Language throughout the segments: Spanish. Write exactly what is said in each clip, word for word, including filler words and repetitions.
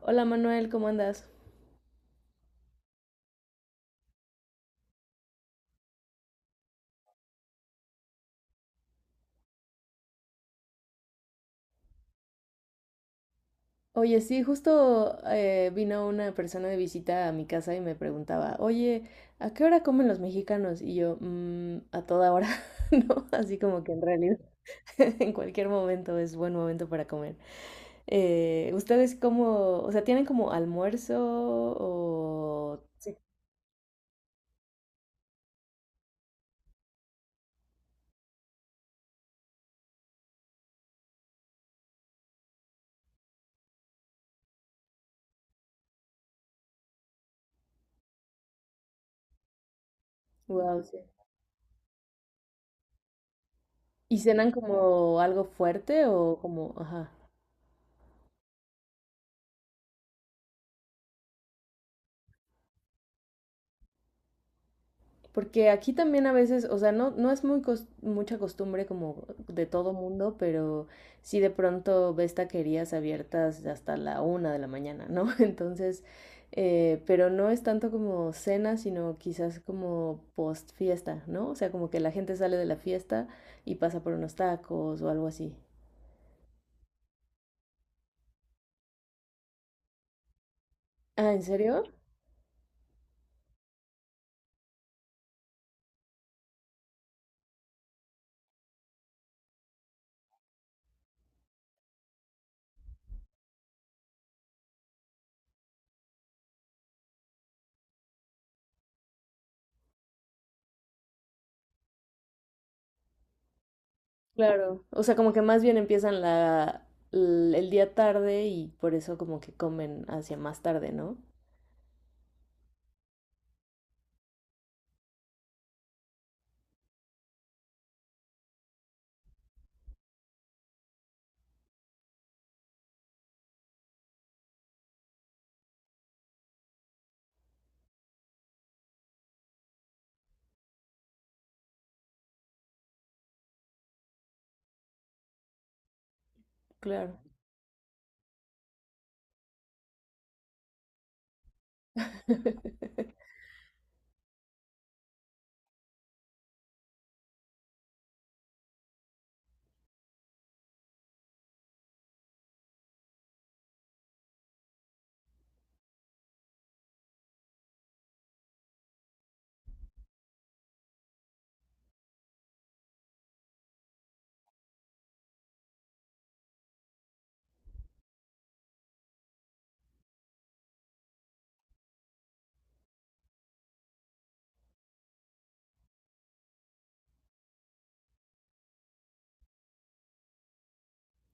Hola Manuel, ¿cómo andas? Oye, sí, justo eh, vino una persona de visita a mi casa y me preguntaba, oye, ¿a qué hora comen los mexicanos? Y yo, "Mm, a toda hora, ¿no?" Así como que en realidad, en cualquier momento es buen momento para comer. Eh, ¿ustedes cómo, o sea, tienen como almuerzo o...? Sí. Wow, sí. ¿Y cenan como algo fuerte o como, ajá? Porque aquí también a veces, o sea, no, no es muy cos- mucha costumbre como de todo mundo, pero sí de pronto ves taquerías abiertas hasta la una de la mañana, ¿no? Entonces, eh, pero no es tanto como cena, sino quizás como post fiesta, ¿no? O sea, como que la gente sale de la fiesta y pasa por unos tacos o algo así. Ah, ¿en serio? Claro. O sea, como que más bien empiezan la, l- el día tarde y por eso como que comen hacia más tarde, ¿no? Claro.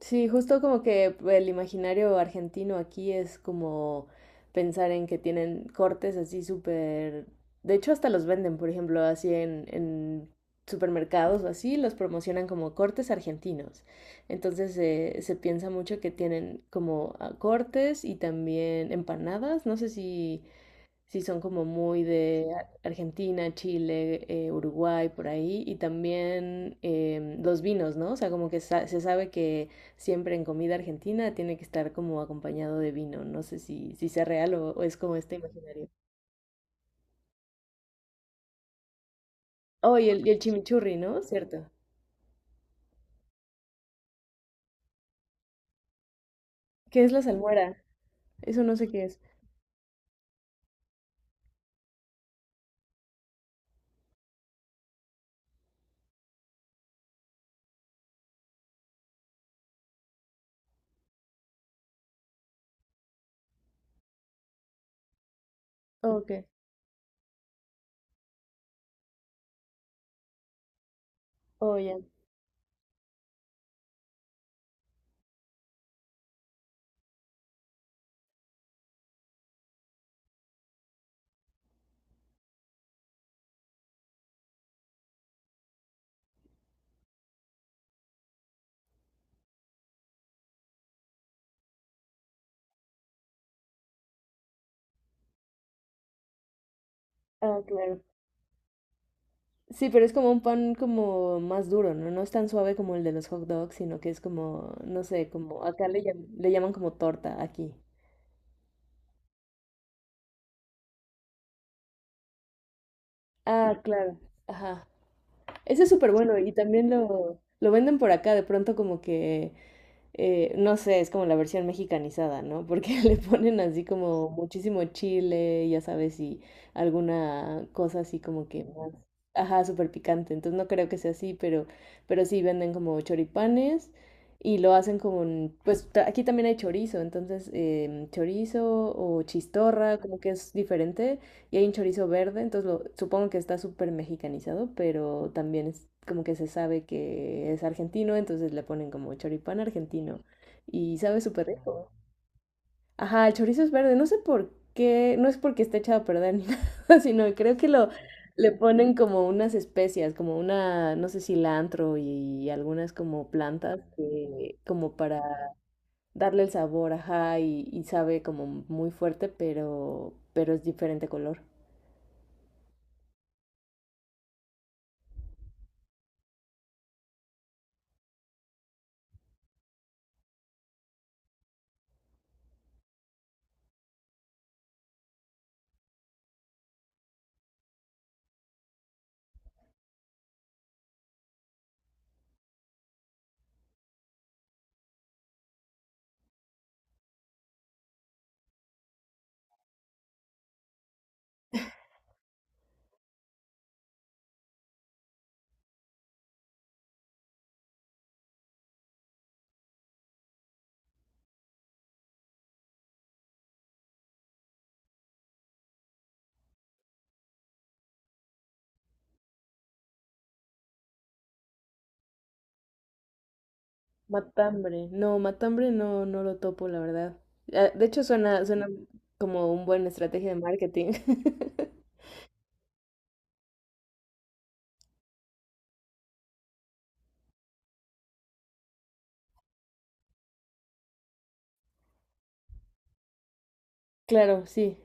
Sí, justo como que el imaginario argentino aquí es como pensar en que tienen cortes así súper... De hecho, hasta los venden, por ejemplo, así en, en supermercados o así, los promocionan como cortes argentinos. Entonces eh, se piensa mucho que tienen como ah, cortes y también empanadas. No sé si sí, son como muy de Ar- Argentina, Chile, eh, Uruguay, por ahí. Y también em, los vinos, ¿no? O sea, como que sa- se sabe que siempre en comida argentina tiene que estar como acompañado de vino. No sé si, si sea real o, o es como este imaginario. Oh, y el, y el chimichurri, ¿no? Cierto. ¿Qué es la salmuera? Eso no sé qué es. Oh, ok. Oh, ya. Ah, claro. Sí, pero es como un pan como más duro, ¿no? No es tan suave como el de los hot dogs, sino que es como, no sé, como acá le, llam- le llaman como torta aquí. Ah, claro. Ajá. Ese es súper bueno y también lo, lo venden por acá, de pronto como que, eh, no sé, es como la versión mexicanizada, ¿no? Porque le ponen así como muchísimo chile, ya sabes, y alguna cosa así como que más, ajá, súper picante. Entonces no creo que sea así, pero, pero sí venden como choripanes y lo hacen con, pues ta- aquí también hay chorizo, entonces em, chorizo o chistorra, como que es diferente. Y hay un chorizo verde, entonces lo, supongo que está súper mexicanizado, pero también es como que se sabe que es argentino, entonces le ponen como choripán argentino. Y sabe súper rico. Ajá, el chorizo es verde, no sé por qué, no es porque esté echado a perder ni nada, sino creo que lo le ponen como unas especias, como una, no sé, cilantro y algunas como plantas que, como para darle el sabor, ajá, y, y sabe como muy fuerte, pero, pero es diferente color. Matambre. No, matambre no, no lo topo, la verdad. Ah, de hecho, suena, suena como una buena estrategia de marketing. Claro, sí.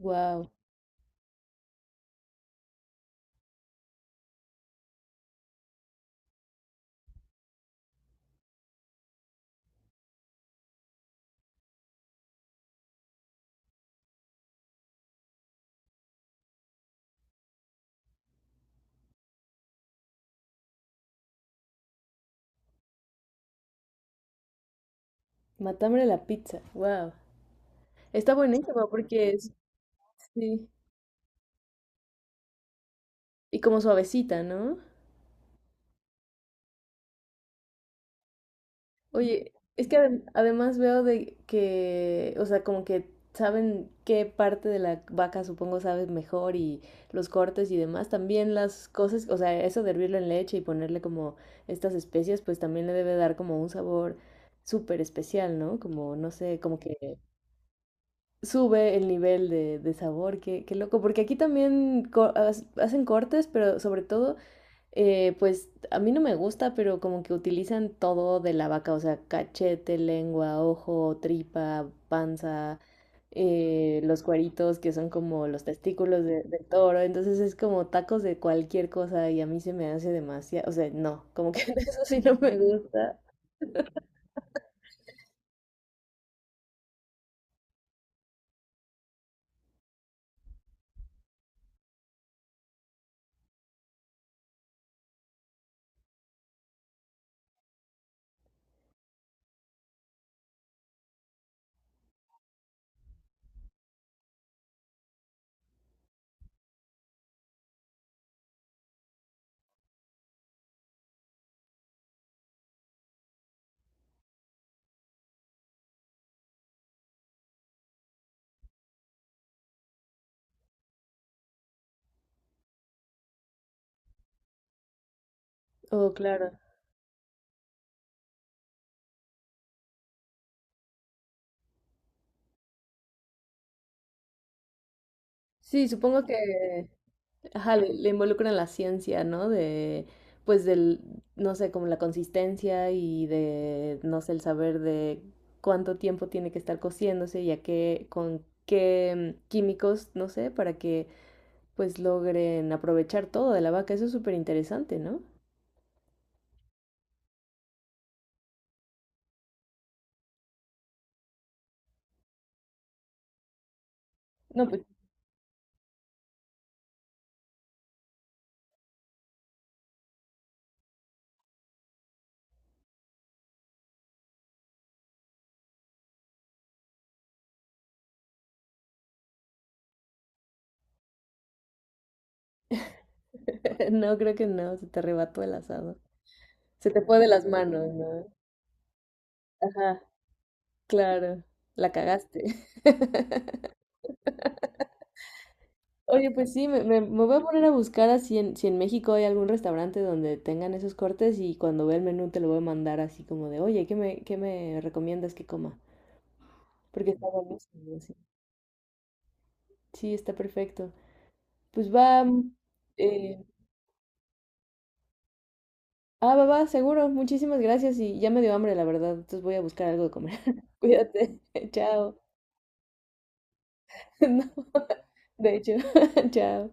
Wow. Matambre la pizza. Wow. Está buenísima porque es, sí. Y como suavecita, ¿no? Oye, es que adem- además veo de que, o sea, como que saben qué parte de la vaca supongo saben mejor y los cortes y demás. También las cosas, o sea, eso de hervirlo en leche y ponerle como estas especias, pues también le debe dar como un sabor súper especial, ¿no? Como, no sé, como que sube el nivel de, de sabor, qué, qué loco. Porque aquí también co- as- hacen cortes, pero sobre todo... Eh, pues a mí no me gusta, pero como que utilizan todo de la vaca, o sea, cachete, lengua, ojo, tripa, panza, eh, los cueritos, que son como los testículos de- del toro, entonces es como tacos de cualquier cosa y a mí se me hace demasiado, o sea, no, como que eso sí no me gusta. Oh, claro. Sí, supongo que... Ajá, le, le involucran la ciencia, ¿no? De, pues del, no sé, como la consistencia y de, no sé, el saber de cuánto tiempo tiene que estar cociéndose y a qué, con qué mm, químicos, no sé, para que pues logren aprovechar todo de la vaca. Eso es súper interesante, ¿no? No, pues no, creo que no, se te arrebató el asado. Se te fue de las manos, ¿no? Ajá, claro, la cagaste. Oye, pues sí, me, me- me voy a poner a buscar a si en, si en México hay algún restaurante donde tengan esos cortes y cuando vea el menú te lo voy a mandar así como de, oye, ¿qué me, qué me recomiendas que coma? Porque está buenísimo, así. Sí, está perfecto. Pues va, mm, eh, ah, va, va, seguro. Muchísimas gracias y ya me dio hambre, la verdad. Entonces voy a buscar algo de comer. Cuídate. Chao. No, de hecho, chao.